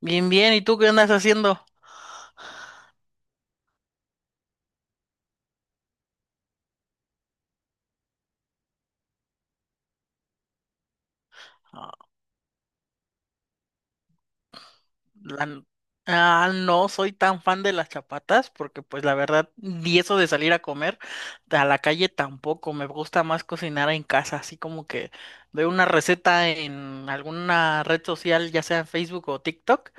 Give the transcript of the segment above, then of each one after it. Bien, bien, ¿y tú qué andas haciendo? Ah, la no soy tan fan de las chapatas porque pues la verdad, y eso de salir a comer a la calle tampoco, me gusta más cocinar en casa, así como que veo una receta en alguna red social, ya sea en Facebook o TikTok,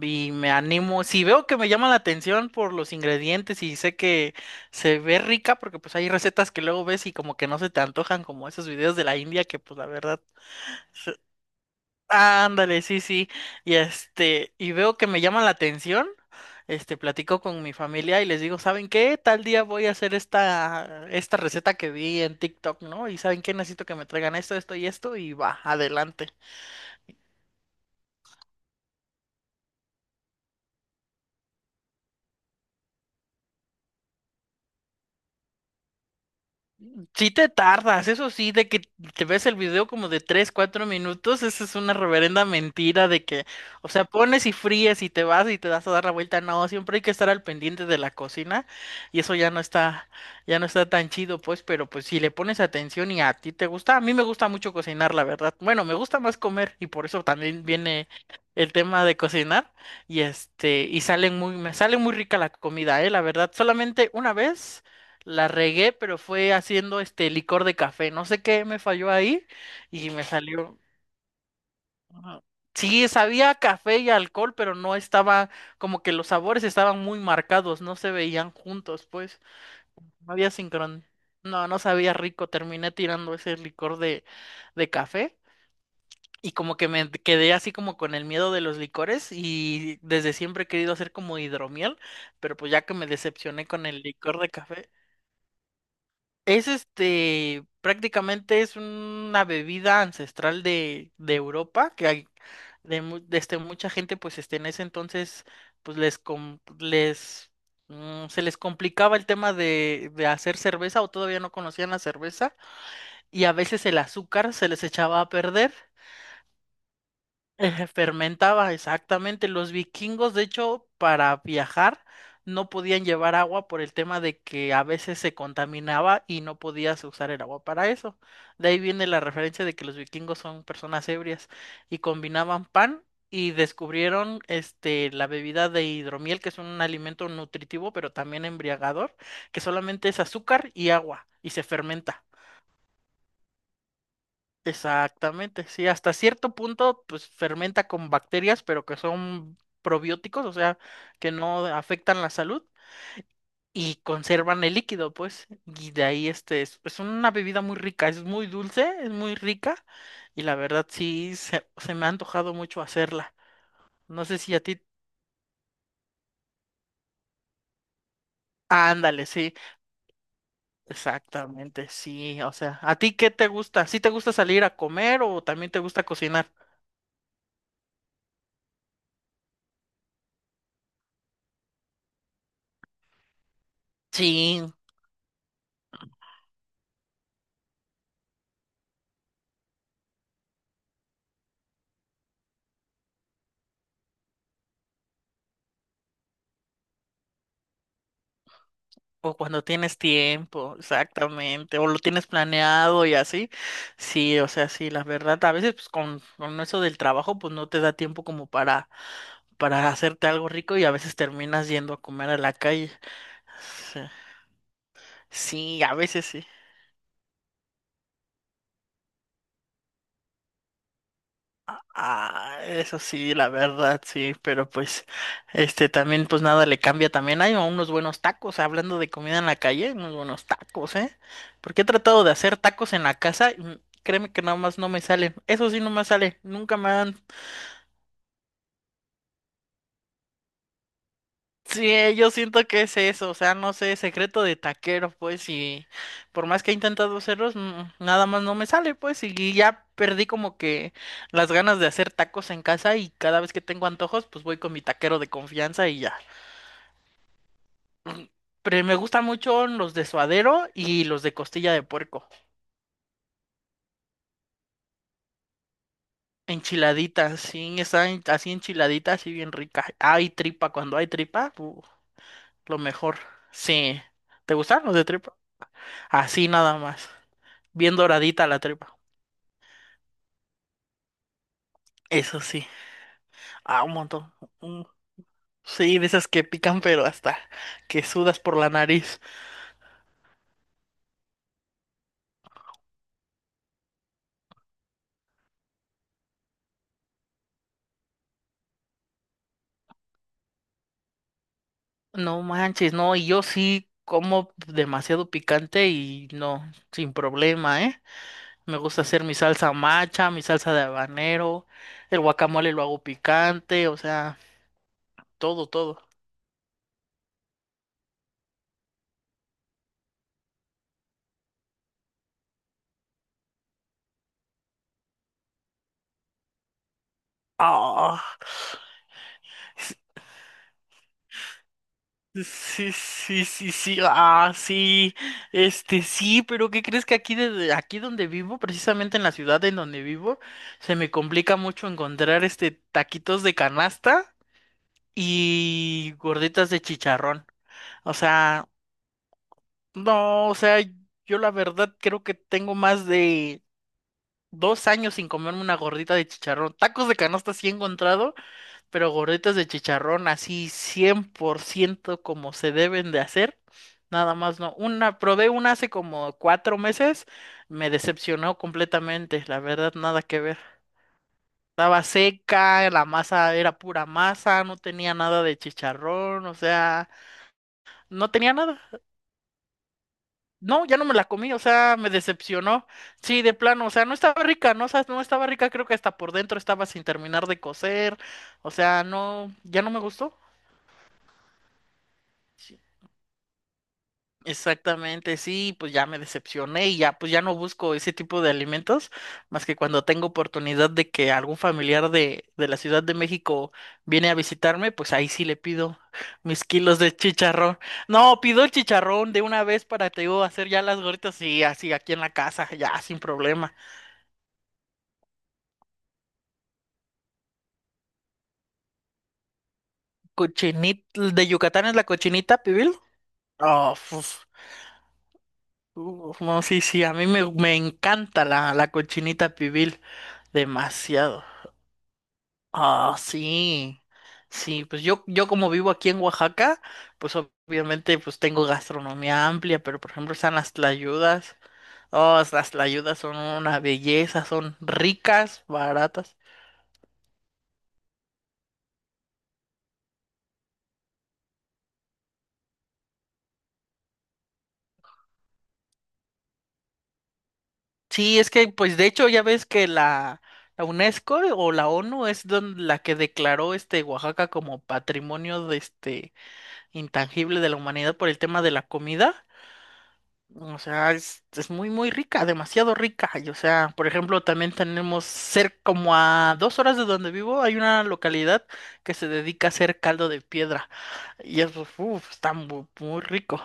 y me animo, si veo que me llama la atención por los ingredientes y sé que se ve rica, porque pues hay recetas que luego ves y como que no se te antojan como esos videos de la India que pues la verdad. Ándale, sí, sí. Y veo que me llama la atención. Platico con mi familia y les digo, ¿saben qué? Tal día voy a hacer esta receta que vi en TikTok, ¿no? Y ¿saben qué? Necesito que me traigan esto, esto y esto, y va, adelante. Sí te tardas, eso sí, de que te ves el video como de 3 4 minutos, esa es una reverenda mentira de que, o sea, pones y fríes y te vas y te das a dar la vuelta, no, siempre hay que estar al pendiente de la cocina y eso ya no está tan chido, pues, pero pues si le pones atención y a ti te gusta, a mí me gusta mucho cocinar, la verdad, bueno, me gusta más comer y por eso también viene el tema de cocinar y me sale muy rica la comida, la verdad, solamente una vez. La regué, pero fue haciendo este licor de café. No sé qué me falló ahí y me salió. Ajá. Sí, sabía a café y alcohol, pero no estaba, como que los sabores estaban muy marcados, no se veían juntos, pues. No había sincron. No, no sabía rico. Terminé tirando ese licor de café. Y como que me quedé así como con el miedo de los licores y desde siempre he querido hacer como hidromiel, pero pues ya que me decepcioné con el licor de café. Es prácticamente es una bebida ancestral de Europa, que hay, de, mu- de, este, mucha gente, pues en ese entonces, pues les, com- les mm, se les complicaba el tema de hacer cerveza o todavía no conocían la cerveza y a veces el azúcar se les echaba a perder. Fermentaba, exactamente. Los vikingos, de hecho, para viajar no podían llevar agua por el tema de que a veces se contaminaba y no podías usar el agua para eso. De ahí viene la referencia de que los vikingos son personas ebrias y combinaban pan y descubrieron la bebida de hidromiel, que es un alimento nutritivo, pero también embriagador, que solamente es azúcar y agua y se fermenta. Exactamente, sí, hasta cierto punto, pues fermenta con bacterias, pero que son probióticos, o sea, que no afectan la salud y conservan el líquido, pues, y de ahí es una bebida muy rica, es muy dulce, es muy rica y la verdad sí se me ha antojado mucho hacerla. No sé si a ti, ándale, sí, exactamente, sí, o sea, ¿a ti qué te gusta? ¿Sí te gusta salir a comer o también te gusta cocinar? Sí. O cuando tienes tiempo, exactamente, o lo tienes planeado y así. Sí, o sea, sí, la verdad, a veces pues con eso del trabajo pues no te da tiempo como para hacerte algo rico y a veces terminas yendo a comer a la calle. Sí, sí, a veces sí. Ah, eso sí, la verdad, sí, pero pues, también, pues nada le cambia también. Hay unos buenos tacos, hablando de comida en la calle, unos buenos tacos, ¿eh? Porque he tratado de hacer tacos en la casa, y, créeme que nada más no me salen. Eso sí, no me sale, nunca me han. Sí, yo siento que es eso, o sea, no sé, secreto de taquero, pues, y por más que he intentado hacerlos, nada más no me sale, pues, y ya perdí como que las ganas de hacer tacos en casa y cada vez que tengo antojos, pues voy con mi taquero de confianza y ya. Mm, Pero me gustan mucho los de suadero y los de costilla de puerco, enchiladitas, sí, están así enchiladitas, así bien ricas. Hay tripa, cuando hay tripa, lo mejor. Sí, ¿te gustan los de tripa? Así nada más. Bien doradita la tripa. Eso sí. Ah, un montón. Un- Sí, de esas que pican, pero hasta que sudas por la nariz. No manches, no, y yo sí como demasiado picante y no, sin problema, ¿eh? Me gusta hacer mi salsa macha, mi salsa de habanero, el guacamole lo hago picante, o sea, todo, todo. Ah, sí, sí, sí, sí, sí, sí, pero ¿qué crees que aquí, aquí donde vivo, precisamente en la ciudad en donde vivo, se me complica mucho encontrar, taquitos de canasta y gorditas de chicharrón? O sea, no, o sea, yo la verdad creo que tengo más de 2 años sin comerme una gordita de chicharrón. Tacos de canasta sí he encontrado, pero gorditas de chicharrón así 100% como se deben de hacer. Nada más no. Probé una hace como 4 meses, me decepcionó completamente, la verdad, nada que ver. Estaba seca, la masa era pura masa, no tenía nada de chicharrón, o sea, no tenía nada. No, ya no me la comí, o sea, me decepcionó. Sí, de plano, o sea, no estaba rica, no, o sea, no estaba rica, creo que hasta por dentro estaba sin terminar de cocer, o sea, no, ya no me gustó. Sí. Exactamente, sí, pues ya me decepcioné y ya, pues ya no busco ese tipo de alimentos, más que cuando tengo oportunidad de que algún familiar de la Ciudad de México viene a visitarme, pues ahí sí le pido mis kilos de chicharrón. No, pido el chicharrón de una vez para, te digo, hacer ya las gorditas y así aquí en la casa, ya sin problema. Cochinita, ¿de Yucatán es la cochinita, pibil? Oh, uf, uf, no, sí, sí, a mí me encanta la cochinita pibil, demasiado. Ah, sí. Sí, pues yo como vivo aquí en Oaxaca, pues obviamente pues tengo gastronomía amplia, pero por ejemplo están las tlayudas. Oh, las tlayudas son una belleza, son ricas, baratas. Sí, es que pues de hecho ya ves que la UNESCO o la ONU la que declaró Oaxaca como patrimonio de este intangible de la humanidad por el tema de la comida. O sea, es muy, muy rica, demasiado rica. Y, o sea, por ejemplo, también tenemos cerca, como a 2 horas de donde vivo, hay una localidad que se dedica a hacer caldo de piedra. Y eso, uf, está muy rico.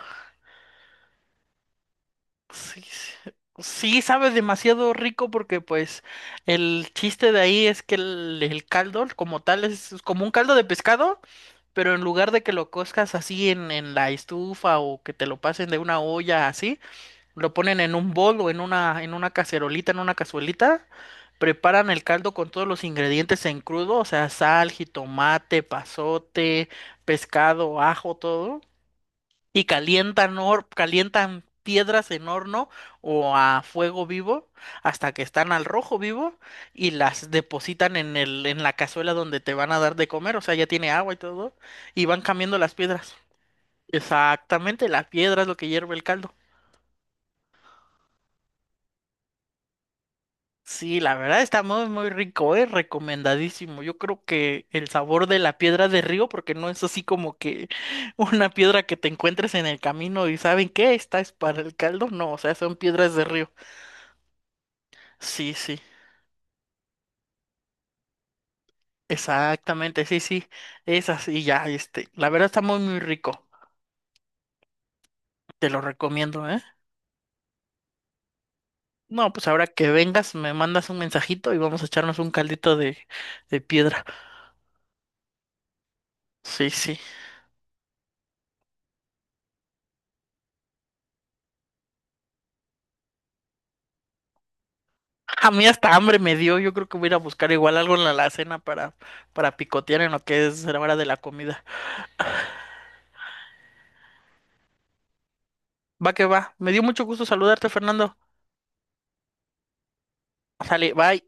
Sí, sí, sí sabe demasiado rico porque, pues, el chiste de ahí es que el caldo, como tal, es como un caldo de pescado, pero en lugar de que lo cozcas así en la estufa o que te lo pasen de una olla así. Lo ponen en un bol o en una cacerolita, en una cazuelita. Preparan el caldo con todos los ingredientes en crudo, o sea, sal, jitomate, pasote, pescado, ajo, todo. Y calientan, calientan piedras en horno o a fuego vivo hasta que están al rojo vivo y las depositan en la cazuela donde te van a dar de comer, o sea, ya tiene agua y todo. Y van cambiando las piedras. Exactamente, la piedra es lo que hierve el caldo. Sí, la verdad está muy, muy rico, es recomendadísimo. Yo creo que el sabor de la piedra de río, porque no es así como que una piedra que te encuentres en el camino y ¿saben qué? Esta es para el caldo. No, o sea, son piedras de río. Sí, sí, exactamente, sí, sí, esas y ya, la verdad está muy, muy rico. Te lo recomiendo, ¿eh? No, pues ahora que vengas, me mandas un mensajito y vamos a echarnos un caldito de piedra. Sí, sí. A mí hasta hambre me dio. Yo creo que voy a ir a buscar igual algo en la alacena para, picotear en lo que es la hora de la comida. Va que va. Me dio mucho gusto saludarte, Fernando. Sale, bye.